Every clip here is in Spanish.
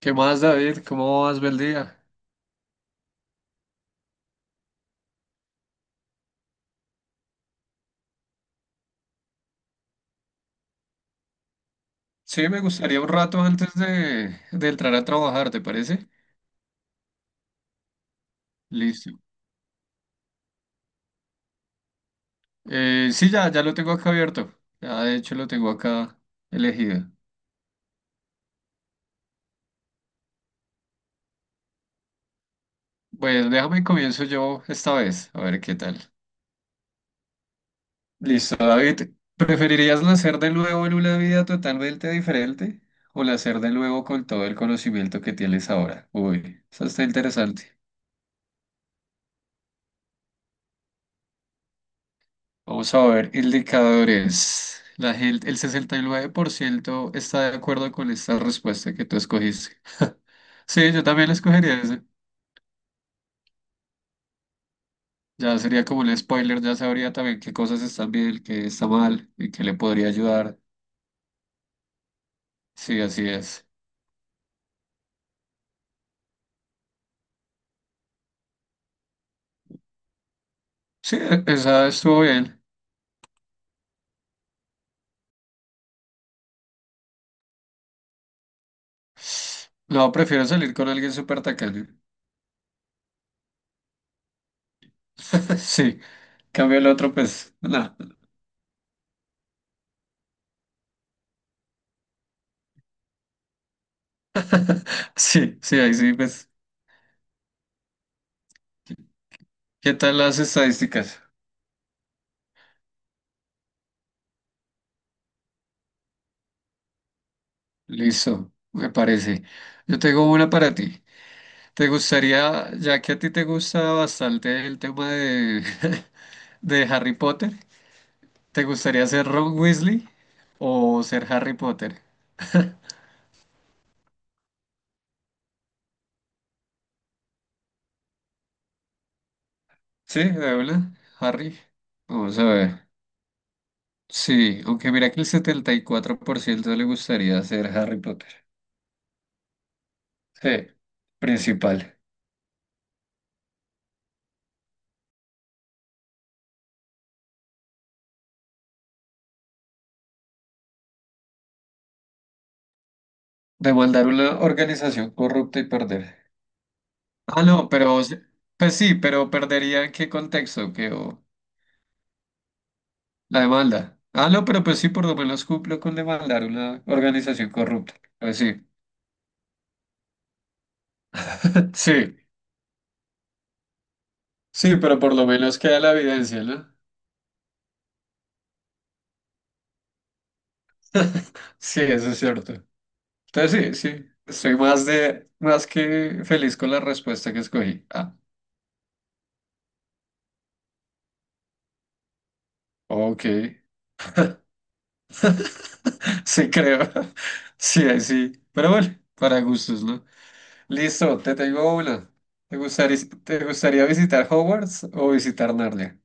¿Qué más, David? ¿Cómo vas? Bel día. Sí, me gustaría un rato antes de entrar a trabajar, ¿te parece? Listo. Sí, ya lo tengo acá abierto. Ya, de hecho, lo tengo acá elegido. Pues déjame comienzo yo esta vez, a ver qué tal. Listo, David. ¿Preferirías nacer de nuevo en una vida totalmente diferente o nacer de nuevo con todo el conocimiento que tienes ahora? Uy, eso está interesante. Vamos a ver indicadores. La gente, el 69% está de acuerdo con esta respuesta que tú escogiste. Sí, yo también la escogería ese. Ya sería como un spoiler, ya sabría también qué cosas están bien, qué está mal y qué le podría ayudar. Sí, así es. Sí, esa estuvo bien. No, prefiero salir con alguien súper tacaño. Sí, cambio el otro, pues, no. Sí, sí, ahí sí, pues. ¿Qué tal las estadísticas? Listo, me parece. Yo tengo una para ti. ¿Te gustaría, ya que a ti te gusta bastante el tema de, de Harry Potter, ¿te gustaría ser Ron Weasley o ser Harry Potter? Sí, de una, Harry. Vamos a ver. Sí, aunque mira que el 74% le gustaría ser Harry Potter. Sí, principal. Demandar una organización corrupta y perder. Ah, no, pero, pues sí, pero perdería en qué contexto, que... o la demanda. Ah, no, pero pues sí, por lo menos cumplo con demandar una organización corrupta. Pues sí. Sí, sí, pero por lo menos queda la evidencia, ¿no? Sí, eso es cierto. Entonces sí, sí. Estoy más que feliz con la respuesta que escogí. Ah, ok. Sí, creo. Sí, ahí sí. Pero bueno, para gustos, ¿no? Listo, te tengo una. ¿Te gustaría, te gustaría visitar Hogwarts o visitar Narnia?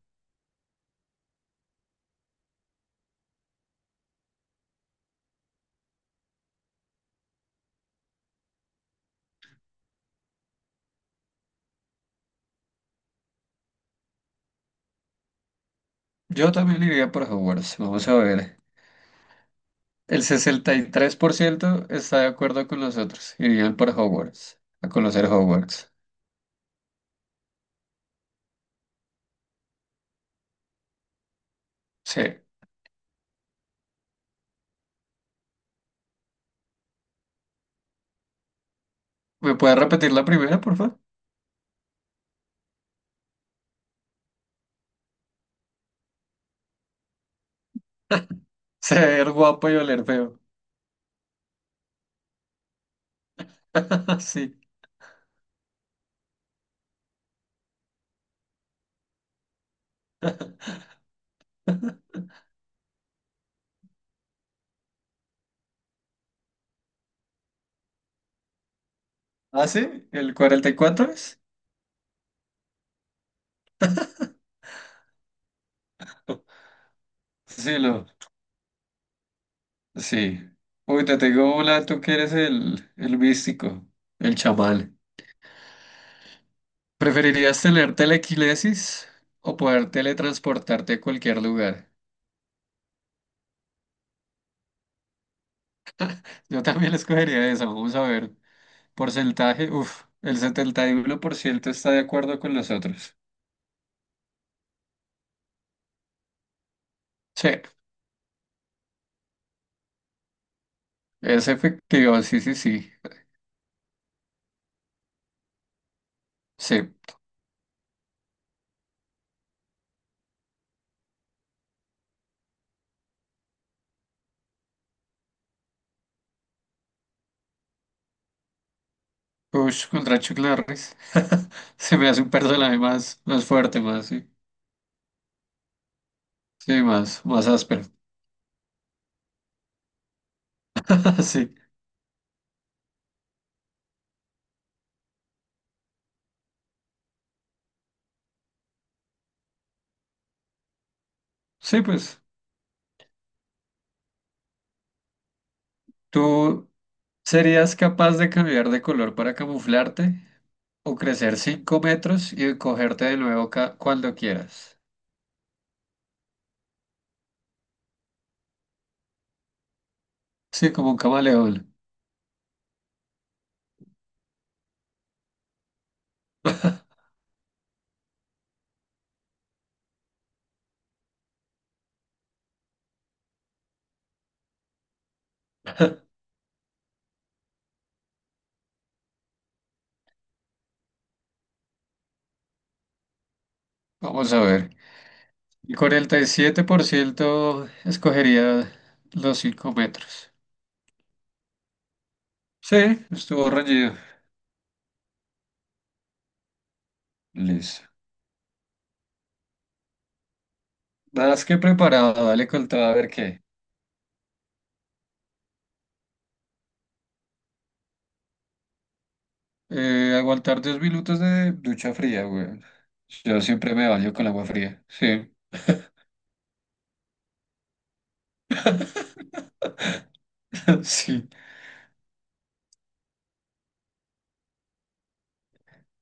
Yo también iría por Hogwarts. Vamos a ver. El 63% está de acuerdo con nosotros. Irían por Hogwarts, a conocer Hogwarts. Sí. ¿Me puedes repetir la primera, por favor? Ser guapo y oler feo. Sí. ¿Ah, sí? ¿El 44 es? Sí, lo. Sí. Uy, te tengo una, tú que eres el místico, el chamán. ¿Preferirías tener telequinesis o poder teletransportarte a cualquier lugar? Yo también escogería esa, vamos a ver. Porcentaje, uff, el 71% está de acuerdo con nosotros. Sí, es efectivo, sí, sí, sí. Sí, ush, contra Chuck Norris. Se me hace un personaje más, más fuerte, más, sí. Sí, más, más áspero. Sí, sí, pues. ¿Tú serías capaz de cambiar de color para camuflarte o crecer 5 metros y cogerte de nuevo cuando quieras? Sí, como un camaleón. Vamos a ver. El 47% escogería los 5 metros. Sí, estuvo reñido. Listo. Nada más que preparado, dale con todo a ver qué. Aguantar 2 minutos de ducha fría, güey. Yo siempre me baño con agua fría. Sí, sí.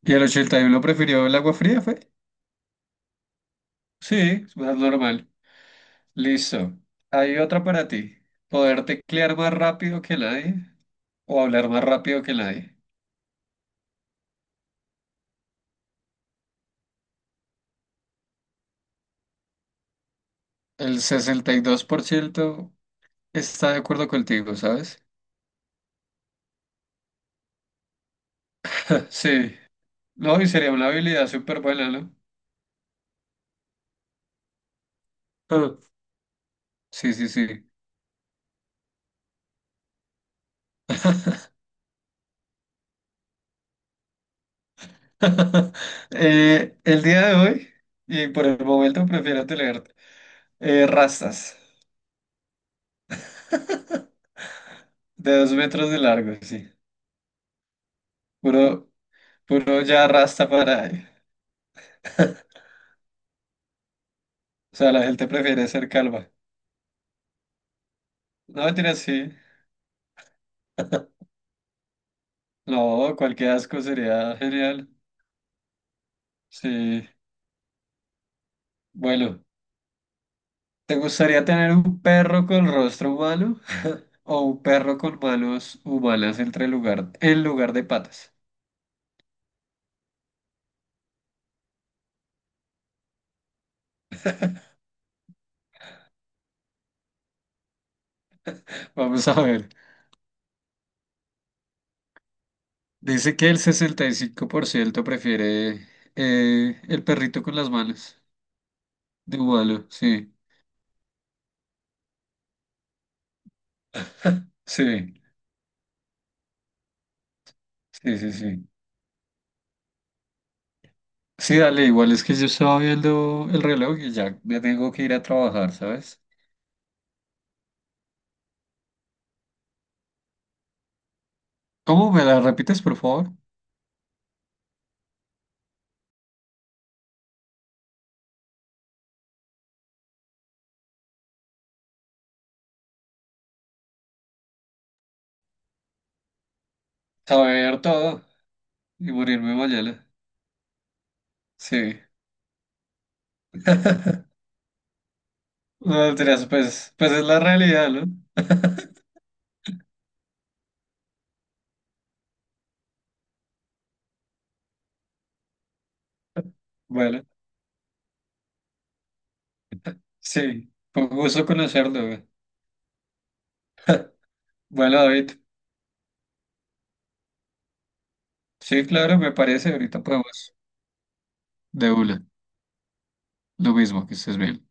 ¿Y el 81 prefirió el agua fría, fue? Sí, es más normal. Listo. Hay otra para ti. Poder teclear más rápido que nadie o hablar más rápido que nadie. El 62% está de acuerdo contigo, ¿sabes? Sí. No, y sería una habilidad súper buena, ¿no? Ah, sí, sí, sí. El día de hoy, y por el momento prefiero tener rastas de 2 metros de largo, sí. Puro, puro ya rasta para ahí. O sea, la gente prefiere ser calva. No, mentira, sí. No, cualquier asco sería genial. Sí. Bueno. ¿Te gustaría tener un perro con rostro humano o un perro con manos humanas en lugar de patas? Vamos a ver. Dice que el 65% prefiere el perrito con las manos de humano. Sí, sí, sí, sí, sí. Sí, dale, igual es que yo estaba viendo el reloj y ya me tengo que ir a trabajar, ¿sabes? ¿Cómo me la repites, por favor? Saber todo y morirme mañana. Sí. No, mentiras, pues, pues es la realidad, ¿no? Bueno, sí, fue un gusto conocerlo, güey. Bueno, David, sí, claro, me parece, ahorita podemos de una, lo mismo, que estés bien.